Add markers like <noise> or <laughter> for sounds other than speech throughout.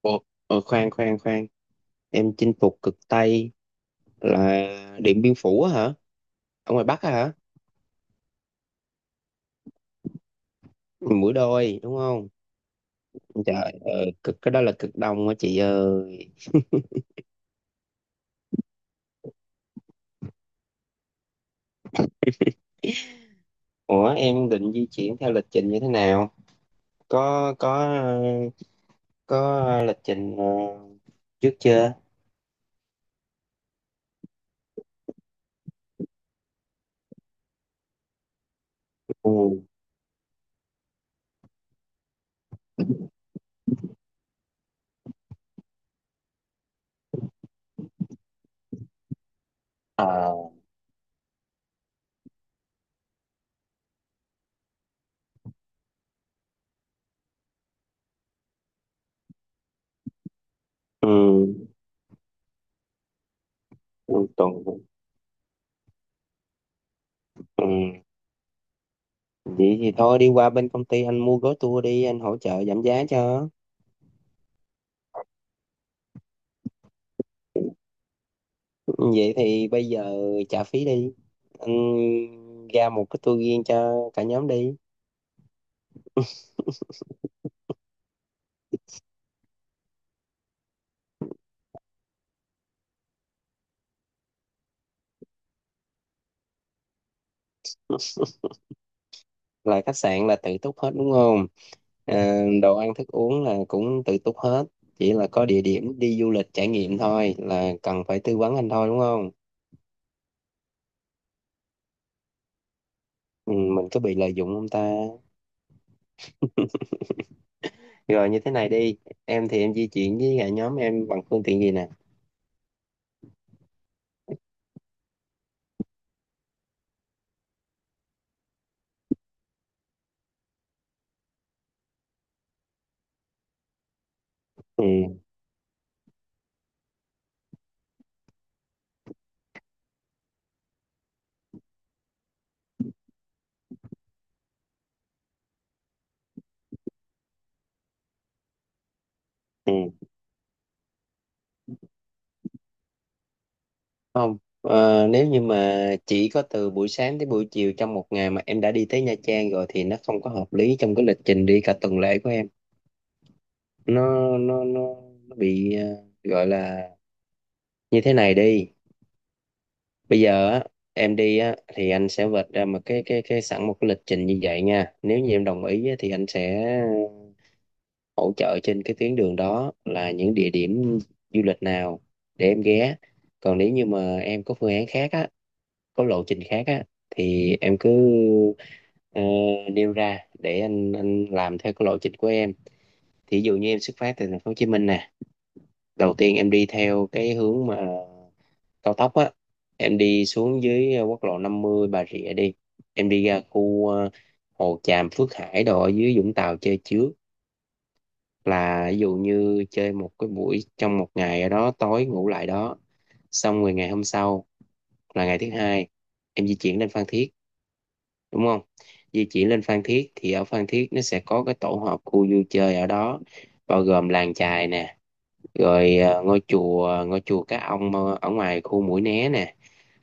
Ồ, khoan khoan khoan em chinh phục cực Tây là Điện Biên Phủ á hả, ở ngoài Bắc á hả? Mũi Đôi đúng không? Trời, cực cái đó là cực Đông á chị ơi. Ủa em định di chuyển theo lịch trình như thế nào, có ờ, có lịch trình trước chưa? Ừ. À. Ừ. Một tuần. Ừ, vậy thì thôi đi qua bên công ty anh mua gói tour đi, anh hỗ trợ giảm giá cho. Ừ. Vậy thì bây giờ trả phí đi. Anh ra một cái tour riêng cho cả nhóm đi. Là khách sạn là tự túc hết đúng không? À, đồ ăn thức uống là cũng tự túc hết. Chỉ là có địa điểm đi du lịch trải nghiệm thôi là cần phải tư vấn anh thôi đúng không? Ừ, mình có bị lợi dụng không ta? Rồi như thế này đi. Em thì em di chuyển với cả nhóm em bằng phương tiện gì nè? Ừ, ừ. Không, nếu như mà chỉ có từ buổi sáng tới buổi chiều trong một ngày mà em đã đi tới Nha Trang rồi thì nó không có hợp lý trong cái lịch trình đi cả tuần lễ của em. nó nó nó, nó bị gọi là, như thế này đi, bây giờ á em đi á thì anh sẽ vạch ra một cái sẵn một cái lịch trình như vậy nha, nếu như em đồng ý á, thì anh sẽ hỗ trợ trên cái tuyến đường đó là những địa điểm du lịch nào để em ghé. Còn nếu như mà em có phương án khác á, có lộ trình khác á, thì em cứ ờ, nêu ra để anh làm theo cái lộ trình của em. Thì ví dụ như em xuất phát từ thành phố Hồ Chí Minh nè, đầu tiên em đi theo cái hướng mà cao tốc á, em đi xuống dưới quốc lộ 50 Bà Rịa đi, em đi ra khu Hồ Tràm, Phước Hải đồ ở dưới Vũng Tàu chơi trước, là ví dụ như chơi một cái buổi trong một ngày ở đó, tối ngủ lại đó. Xong rồi ngày hôm sau là ngày thứ hai, em di chuyển lên Phan Thiết đúng không? Di chuyển lên Phan Thiết thì ở Phan Thiết nó sẽ có cái tổ hợp khu vui chơi ở đó, bao gồm làng chài nè, rồi ngôi chùa Cá Ông ở ngoài khu Mũi Né nè,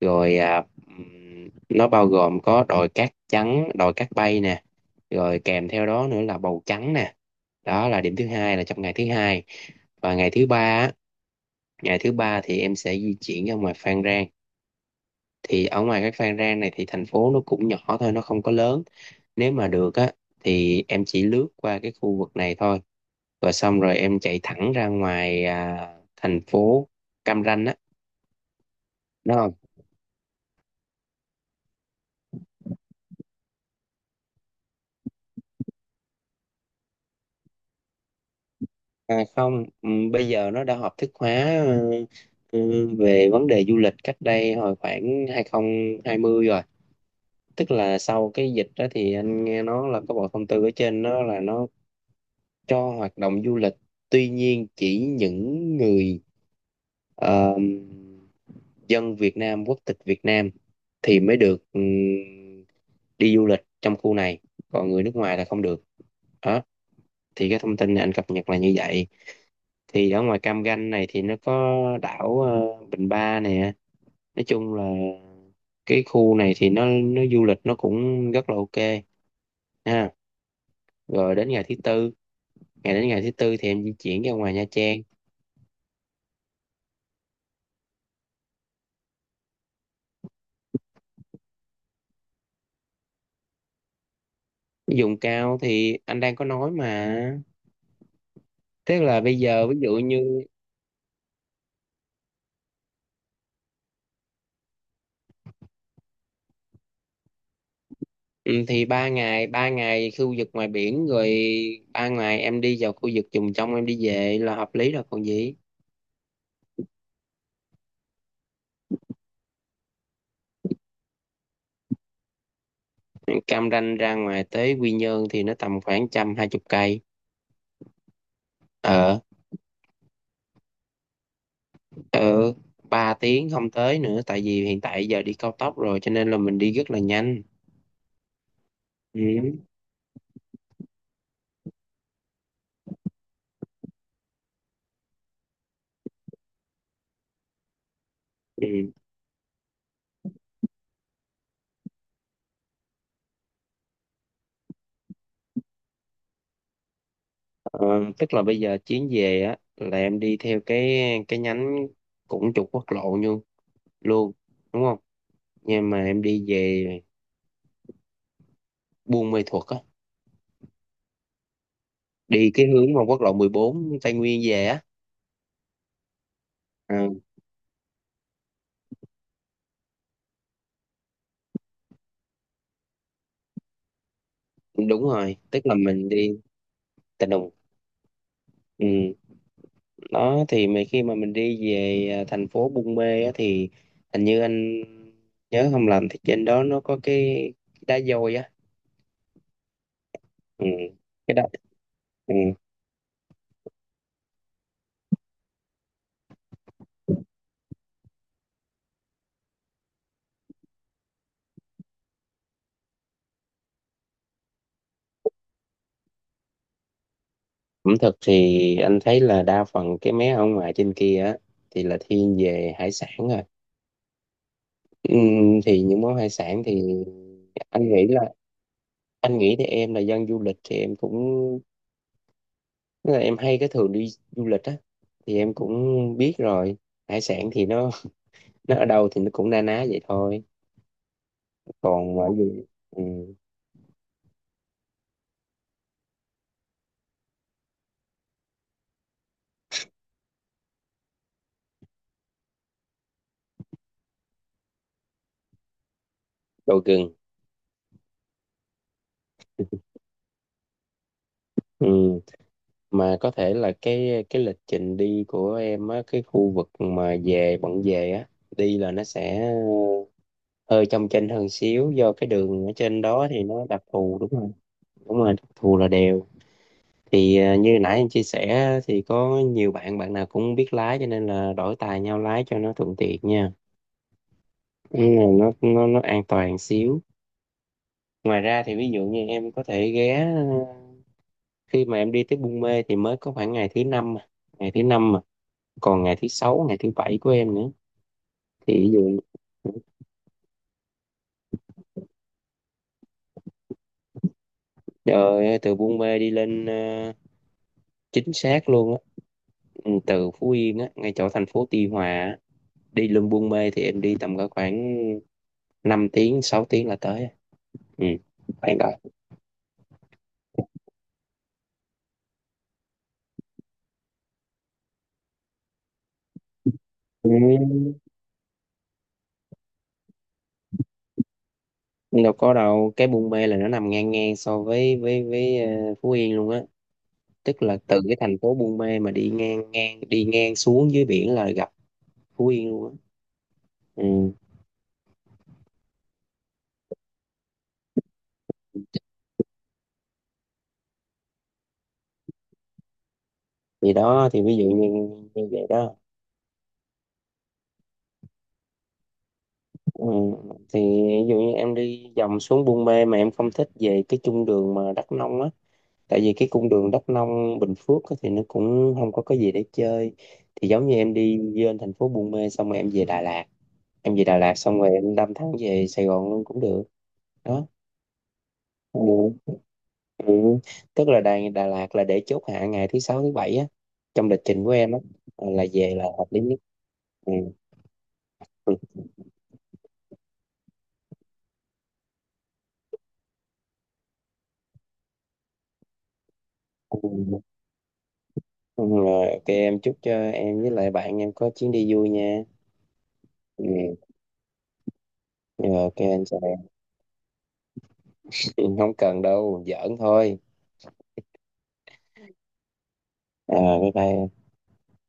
rồi nó bao gồm có đồi cát trắng, đồi cát bay nè, rồi kèm theo đó nữa là bầu trắng nè. Đó là điểm thứ hai, là trong ngày thứ hai. Và ngày thứ ba á, ngày thứ ba thì em sẽ di chuyển ra ngoài Phan Rang. Thì ở ngoài cái Phan Rang này thì thành phố nó cũng nhỏ thôi, nó không có lớn, nếu mà được á thì em chỉ lướt qua cái khu vực này thôi, rồi xong rồi em chạy thẳng ra ngoài thành phố Cam Ranh á, đúng không? À, không, bây giờ nó đã hợp thức hóa ờ, ừ, về vấn đề du lịch cách đây hồi khoảng 2020 rồi, tức là sau cái dịch đó thì anh nghe nói là có bộ thông tư ở trên đó là nó cho hoạt động du lịch. Tuy nhiên chỉ những người ờ, dân Việt Nam, quốc tịch Việt Nam thì mới được đi du lịch trong khu này, còn người nước ngoài là không được. Đó thì cái thông tin này anh cập nhật là như vậy. Thì ở ngoài Cam Ranh này thì nó có đảo Bình Ba nè. Nói chung là cái khu này thì nó du lịch nó cũng rất là ok ha. Rồi đến ngày thứ tư, đến ngày thứ tư thì em di chuyển ra ngoài Nha Trang. Dùng cao thì anh đang có nói mà, tức là bây giờ ví dụ như, ừ, thì ba ngày, ba ngày khu vực ngoài biển rồi, ba ngày em đi vào khu vực vùng trong em đi về là hợp lý rồi còn gì. Cam Ranh ra ngoài tới Quy Nhơn thì nó tầm khoảng trăm hai chục cây. Ờ. Ờ, ba tiếng không tới nữa, tại vì hiện tại giờ đi cao tốc rồi cho nên là mình đi rất là nhanh. Ừ. Ừ. Ờ, tức là bây giờ chuyến về á là em đi theo cái nhánh cũng trục quốc lộ như luôn, đúng không, nhưng mà em đi về Buôn Mê Thuột á, đi cái hướng mà quốc lộ 14 Tây Nguyên về á. Ờ, đúng rồi, tức là mình đi Tà Nùng. Ừ. Đó thì mà khi mà mình đi về thành phố Buôn Mê á thì hình như anh nhớ không lầm thì trên đó nó có cái đá dôi á. Ừ. Cái đó. Ừ. Ẩm thực thì anh thấy là đa phần cái mé ở ngoài trên kia á thì là thiên về hải sản rồi. Ừ. Thì những món hải sản thì anh nghĩ là anh nghĩ thì em là dân du lịch thì em cũng, tức là em hay cái thường đi du lịch á thì em cũng biết rồi, hải sản thì nó ở đâu thì nó cũng na ná vậy thôi. Còn ở gì, ừ, đồ gừng. Ừ. Mà có thể là cái lịch trình đi của em á, cái khu vực mà về, bận về á, đi là nó sẽ ờ, hơi trong chênh hơn xíu, do cái đường ở trên đó thì nó đặc thù. Đúng rồi. Đúng rồi, đặc thù là đèo. Thì như nãy em chia sẻ thì có nhiều bạn, bạn nào cũng biết lái cho nên là đổi tài nhau lái cho nó thuận tiện nha. Ừ, nó an toàn xíu. Ngoài ra thì ví dụ như em có thể ghé khi mà em đi tới Buôn Mê thì mới có khoảng ngày thứ năm mà. Ngày thứ năm mà, còn ngày thứ sáu, ngày thứ bảy của em nữa. Thì ví dụ, trời ơi, từ Buôn Mê đi lên, chính xác luôn á, ừ, từ Phú Yên á ngay chỗ thành phố Tuy Hòa á, đi lên Buôn Mê thì em đi tầm có khoảng 5 tiếng, 6 tiếng là tới ừ bạn rồi. Ừ. Đâu có đâu, cái Buôn Mê là nó nằm ngang ngang so với Phú Yên luôn á, tức là từ cái thành phố Buôn Mê mà đi ngang ngang, đi ngang xuống dưới biển là gặp Phú Yên luôn á. Ừ. Thì đó thì ví dụ như, như vậy đó. Ừ. Thì ví dụ như em đi vòng xuống Buôn Mê mà em không thích về cái cung đường mà Đắk Nông á, tại vì cái cung đường Đắk Nông, Bình Phước á thì nó cũng không có cái gì để chơi, thì giống như em đi lên thành phố Buôn Mê xong rồi em về Đà Lạt, em về Đà Lạt xong rồi em đâm thẳng về Sài Gòn luôn cũng được. Đó. Ừ. Ừ. Tức là Đà Lạt là để chốt hạ ngày thứ sáu, thứ bảy á, trong lịch trình của em á, là về là hợp lý nhất. Ừ. Ừ. Ừ. Rồi, ok, em chúc cho em với lại bạn em có chuyến đi vui nha. Ừ. Rồi, ok anh chào em, <laughs> không cần đâu, giỡn thôi. À, bye bye.